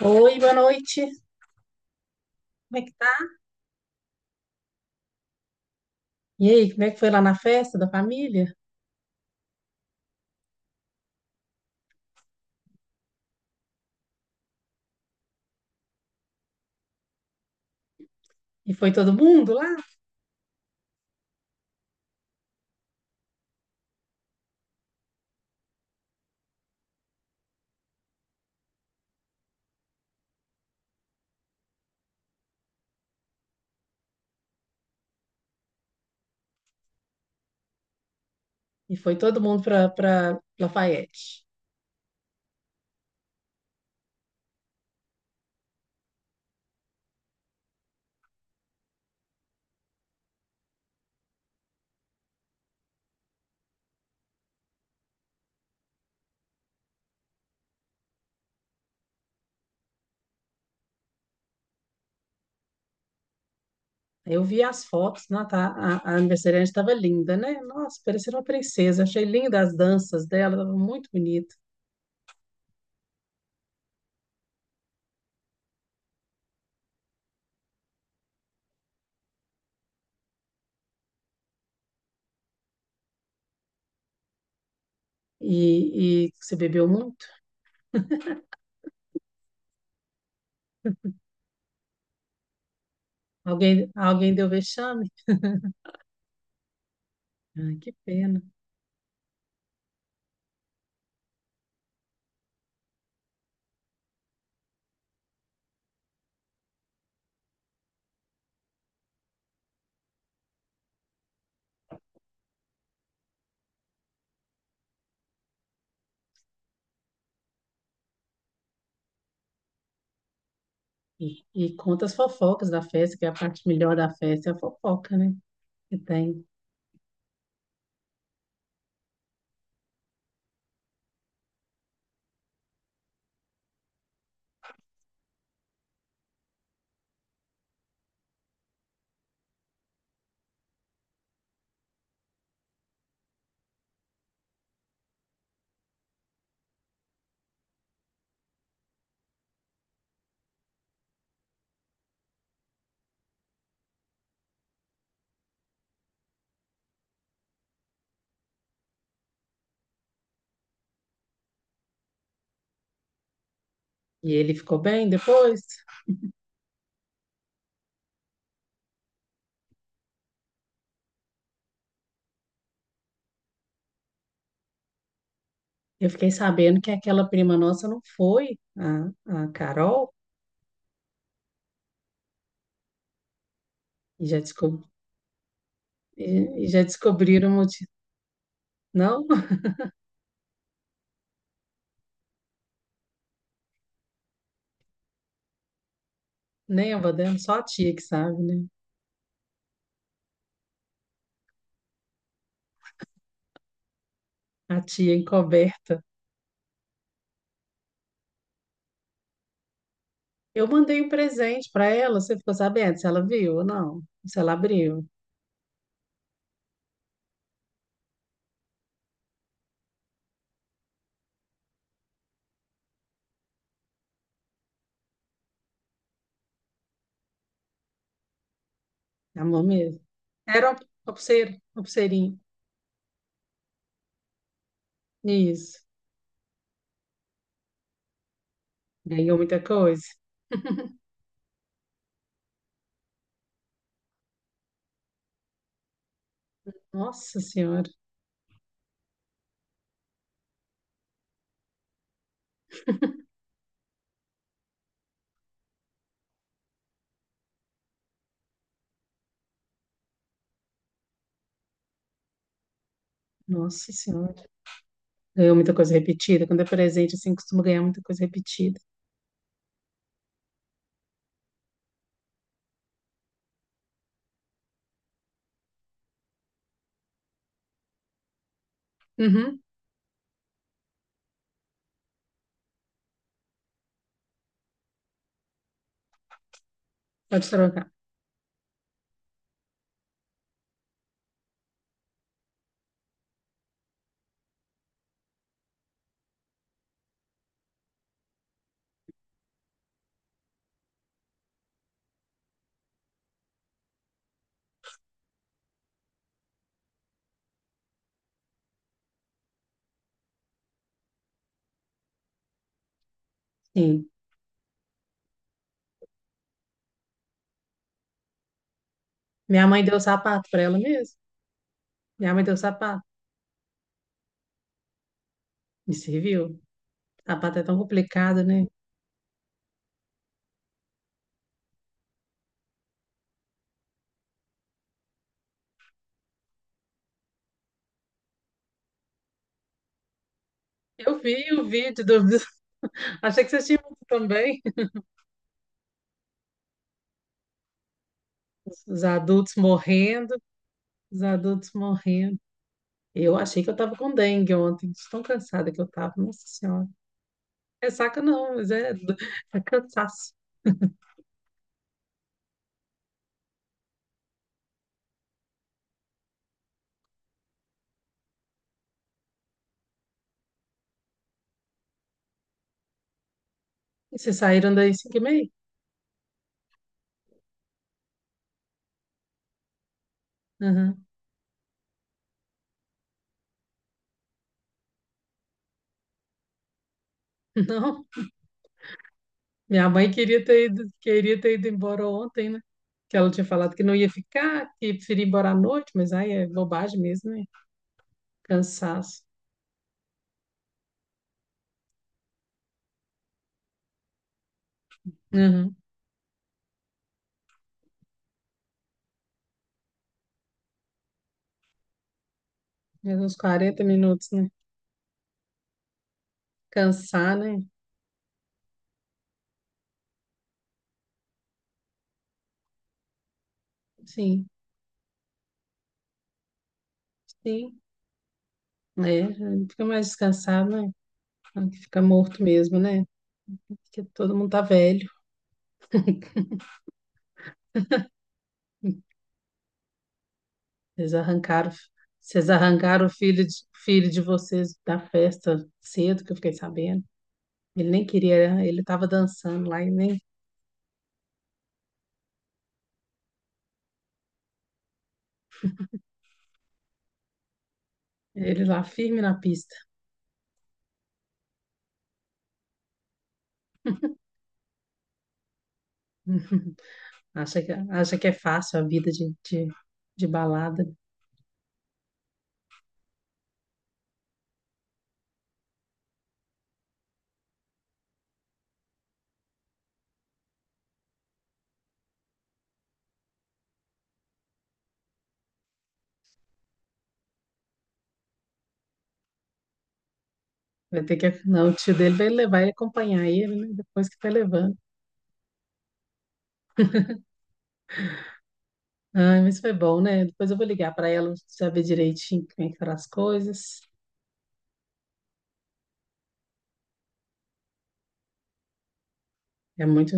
Oi, boa noite. Como é que tá? E aí, como é que foi lá na festa da família? E foi todo mundo lá? E foi todo mundo para Lafayette. Eu vi as fotos, não, tá, a aniversariante estava linda, né? Nossa, parecia uma princesa. Achei linda as danças dela, estava muito bonito. E você bebeu muito? Alguém deu vexame? Ai, que pena. E conta as fofocas da festa, que é a parte melhor da festa, é a fofoca, né? Que tem. E ele ficou bem depois? Eu fiquei sabendo que aquela prima nossa não foi, a Carol, e já, descob... e já descobriram o motivo. Não, nem a avó dela, só a tia que sabe, né? A tia encoberta. Eu mandei um presente para ela, você ficou sabendo se ela viu ou não? Se ela abriu, amor mesmo. Era uma pulseira, uma pulseirinha. Isso. Ganhou muita coisa. Nossa Senhora, nossa Senhora. Ganhou muita coisa repetida. Quando é presente, assim, costuma ganhar muita coisa repetida. Uhum, pode trocar. Sim. Minha mãe deu sapato para ela mesmo. Minha mãe deu sapato. Me serviu. Sapato é tão complicado, né? Eu vi o vídeo do. Achei que vocês tinham visto também. Os adultos morrendo, os adultos morrendo. Eu achei que eu tava com dengue ontem. De Tão cansada que eu tava, nossa senhora. É saca não, é cansaço. E vocês saíram daí 5:30? Aham. Não. Minha mãe queria ter ido embora ontem, né? Que ela tinha falado que não ia ficar, que preferia ir embora à noite, mas aí é bobagem mesmo, né? Cansaço. Uhum. Já uns 40 minutos, né? Cansar, né? Sim, sim. É, fica mais descansado, né? Fica morto mesmo, né? Porque todo mundo tá velho. Vocês arrancaram, vocês arrancaram o filho de vocês da festa cedo, que eu fiquei sabendo. Ele nem queria, ele tava dançando lá e nem ele lá firme na pista. Acha que é fácil a vida de balada. Vai ter que, não, o tio dele vai levar e acompanhar ele, né? Depois que vai levando. Ah, mas foi bom, né? Depois eu vou ligar para ela saber direitinho como é que foram as coisas. É muito,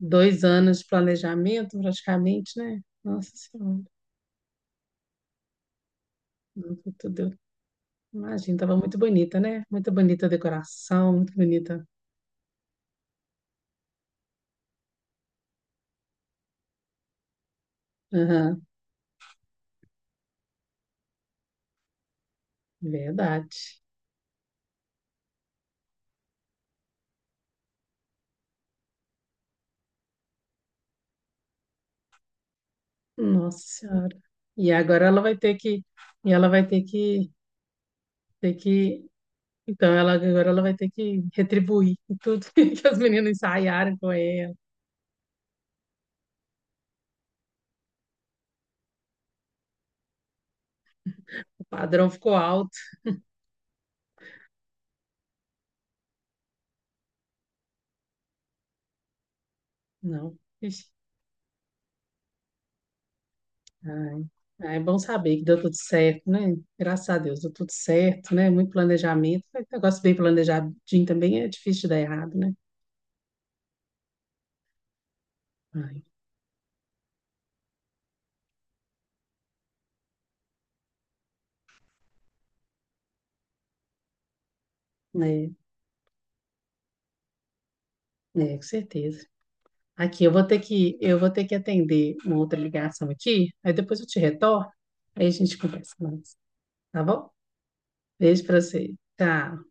2 anos de planejamento praticamente, né? Nossa Senhora, não foi tudo. Imagina, estava muito bonita, né? Muito bonita a decoração, muito bonita. Aham, verdade. Nossa Senhora. E agora ela vai ter que, e ela vai ter que então, ela, agora ela vai ter que retribuir tudo que as meninas ensaiaram com ela. O padrão ficou alto. Não. Ixi. Ai. Ah, é bom saber que deu tudo certo, né? Graças a Deus, deu tudo certo, né? Muito planejamento. Negócio bem planejadinho também é difícil de dar errado, né? Ai, né? É, com certeza. Aqui, eu vou ter que atender uma outra ligação aqui, aí depois eu te retorno, aí a gente conversa mais, tá bom? Beijo pra você. Tchau.